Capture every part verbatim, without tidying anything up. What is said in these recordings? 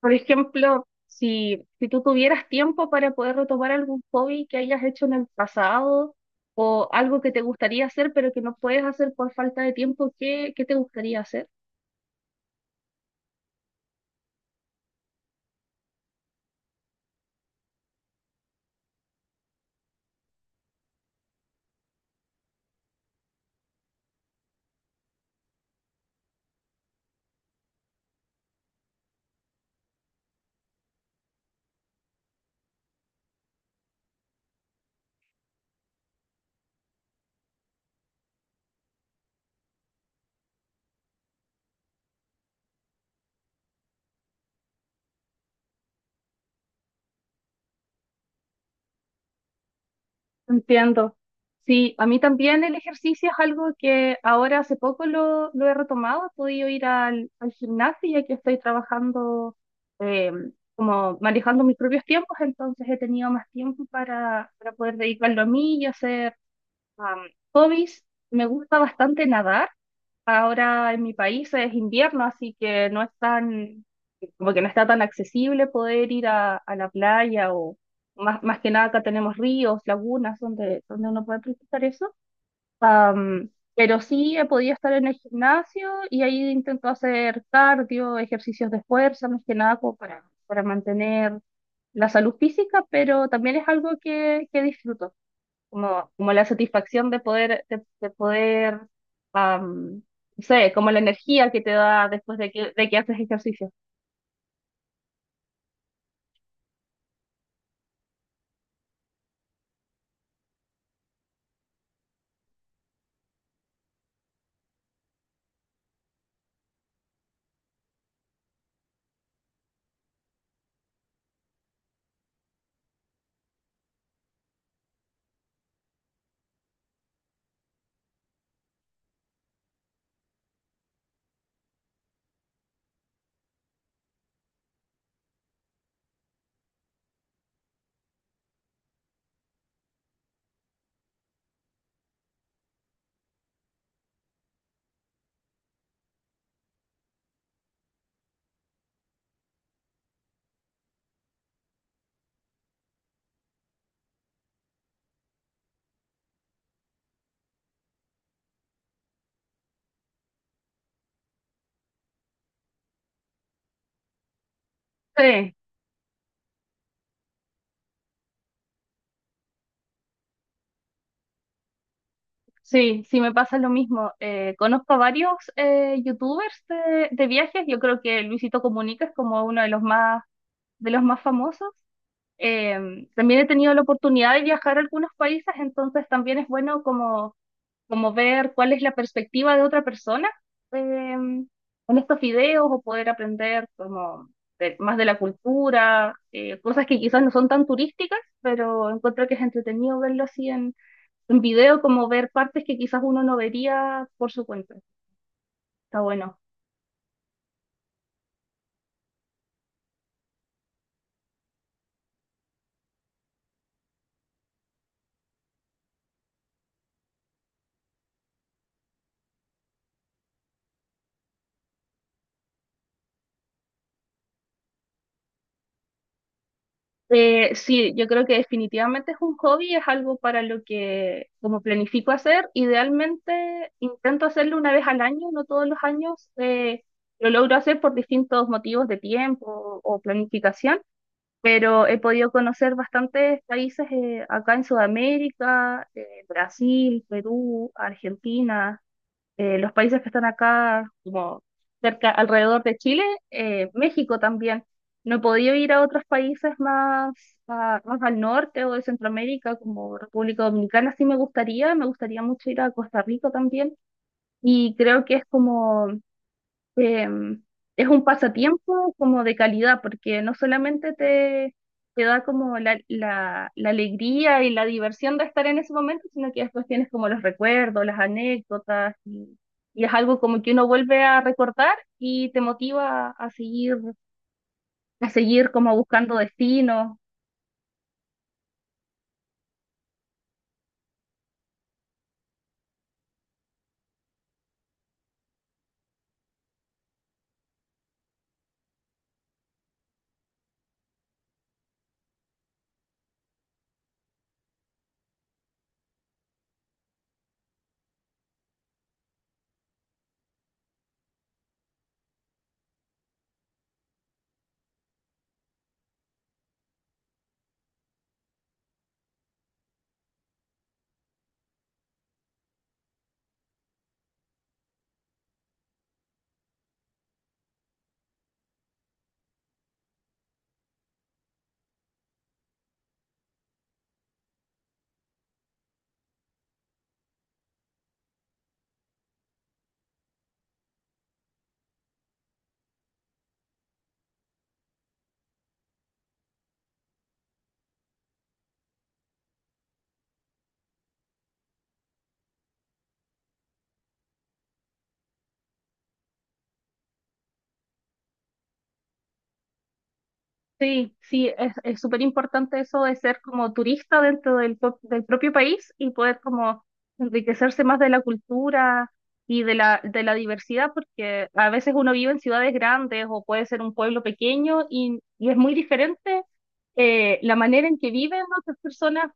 Por ejemplo, si, si tú tuvieras tiempo para poder retomar algún hobby que hayas hecho en el pasado o algo que te gustaría hacer pero que no puedes hacer por falta de tiempo, ¿qué, qué te gustaría hacer? Entiendo. Sí, a mí también el ejercicio es algo que ahora hace poco lo, lo he retomado. He podido ir al, al gimnasio ya que estoy trabajando eh, como manejando mis propios tiempos, entonces he tenido más tiempo para, para poder dedicarlo a mí y hacer Am, hobbies, me gusta bastante nadar. Ahora en mi país es invierno, así que no es tan, como que no está tan accesible poder ir a, a la playa o más, más que nada acá tenemos ríos, lagunas donde, donde uno puede practicar eso. Am, pero sí he podido estar en el gimnasio y ahí intento hacer cardio, ejercicios de fuerza, más que nada como para, para mantener la salud física, pero también es algo que, que disfruto como, como la satisfacción de poder, de, de poder, am, no sé, como la energía que te da después de que, de que haces ejercicio. Sí, sí, sí, me pasa lo mismo. Eh, conozco a varios eh, youtubers de, de viajes, yo creo que Luisito Comunica es como uno de los más, de los más famosos. Eh, también he tenido la oportunidad de viajar a algunos países, entonces también es bueno como como ver cuál es la perspectiva de otra persona em, en estos videos o poder aprender como de- más de la cultura, eh, cosas que quizás no son tan turísticas, pero encuentro que es entretenido verlo así en, en video, como ver partes que quizás uno no vería por su cuenta. Está bueno. Eh, sí, yo creo que definitivamente es un hobby, es algo para lo que como planifico hacer. Idealmente intento hacerlo una vez al año, no todos los años eh, lo logro hacer por distintos motivos de tiempo o planificación, pero he podido conocer bastantes países eh, acá en Sudamérica, eh, Brasil, Perú, Argentina, eh, los países que están acá, como cerca, alrededor de Chile, eh, México también. No he podido ir a otros países más, a- más al norte o de Centroamérica, como República Dominicana, sí me gustaría, me gustaría mucho ir a Costa Rica también. Y creo que es como em, es un pasatiempo como de calidad, porque no solamente te, te da como la, la, la alegría y la diversión de estar en ese momento, sino que después tienes como los recuerdos, las anécdotas, y, y es algo como que uno vuelve a recordar y te motiva a seguir, a seguir como buscando destinos. Sí, sí, es es súper importante eso de ser como turista dentro del, pro- del propio país y poder como enriquecerse más de la cultura y de la, de la diversidad, porque a veces uno vive en ciudades grandes o puede ser un pueblo pequeño y, y es muy diferente eh, la manera en que viven otras personas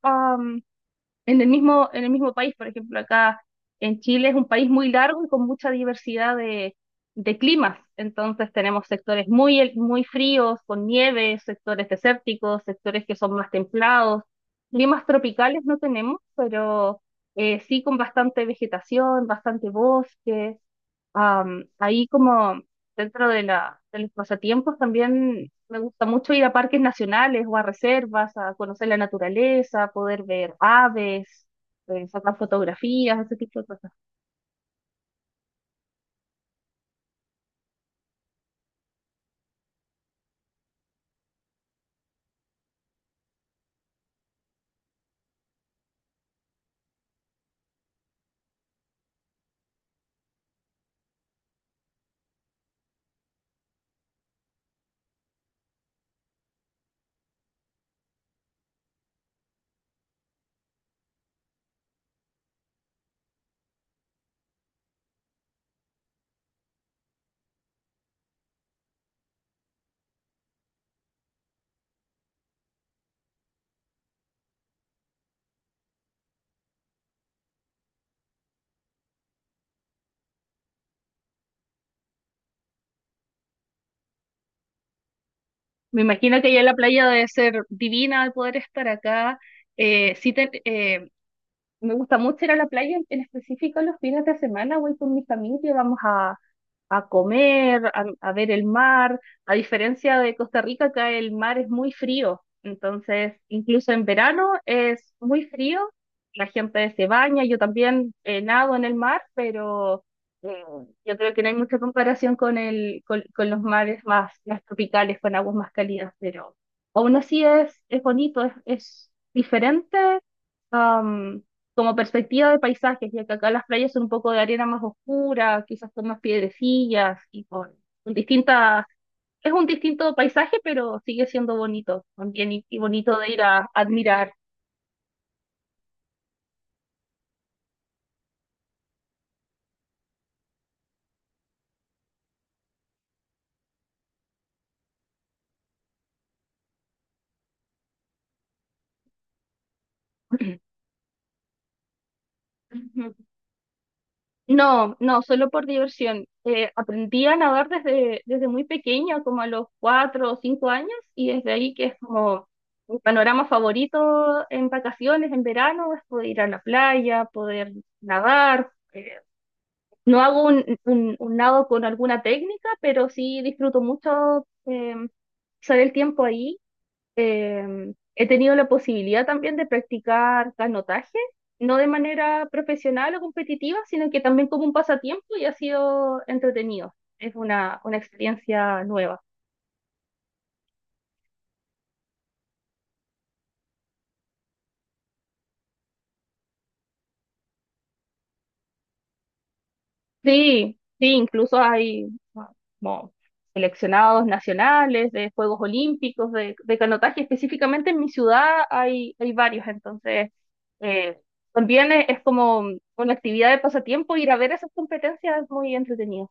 en el mismo, en el mismo país, por ejemplo, acá en Chile es un país muy largo y con mucha diversidad de, de climas. Entonces tenemos sectores muy, hel- muy fríos, con nieve, sectores desérticos, sectores que son más templados. Climas tropicales no tenemos, pero eh, sí con bastante vegetación, bastante bosque. Am, ahí como dentro de la, de los pasatiempos también me gusta mucho ir a parques nacionales o a reservas, a conocer la naturaleza, poder ver aves, eh, sacar fotografías, ese tipo de cosas. Me imagino que allá en la playa debe ser divina al poder estar acá. Eh, sí te- eh, Me gusta mucho ir a la playa, en en específico los fines de semana voy con mi familia, vamos a, a comer, a, a ver el mar. A diferencia de Costa Rica, acá el mar es muy frío, entonces incluso en verano es muy frío, la gente se baña, yo también eh, nado en el mar, pero yo creo que no hay mucha comparación con el, con, con los mares más, más tropicales, con aguas más cálidas, pero aún así es, es bonito, es, es diferente am, como perspectiva de paisajes, ya que acá las playas son un poco de arena más oscura, quizás con más piedrecillas y con, con distintas, es un distinto paisaje, pero sigue siendo bonito también y, y bonito de ir a admirar. No, no, solo por diversión. Eh, aprendí a nadar desde, desde muy pequeña, como a los cuatro o cinco años, y desde ahí que es como mi panorama favorito en vacaciones, en verano, es poder ir a la playa, poder nadar. Eh, no hago un, un, un nado con alguna técnica, pero sí disfruto mucho eh, usar el tiempo ahí. Em, he tenido la posibilidad también de practicar canotaje, no de manera profesional o competitiva, sino que también como un pasatiempo y ha sido entretenido. Es una, una experiencia nueva. Sí, sí, incluso hay ah, como seleccionados nacionales de Juegos Olímpicos de, de canotaje. Específicamente en mi ciudad hay, hay varios, entonces eh, también es, es como una actividad de pasatiempo ir a ver esas competencias es muy entretenido.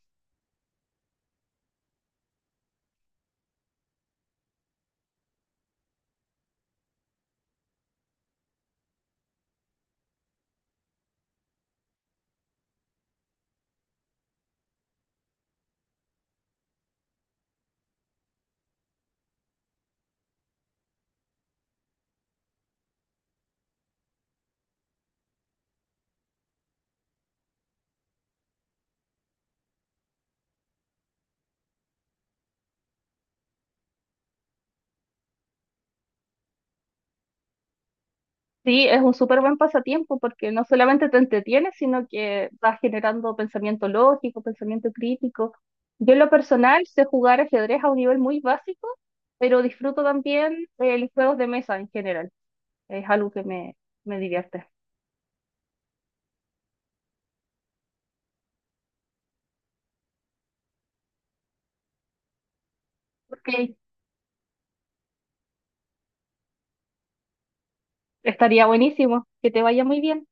Sí, es un súper buen pasatiempo porque no solamente te entretienes, sino que vas generando pensamiento lógico, pensamiento crítico. Yo en lo personal sé jugar ajedrez a un nivel muy básico, pero disfruto también eh, los juegos de mesa en general. Es algo que me, me divierte. Ok, estaría buenísimo. Que te vaya muy bien.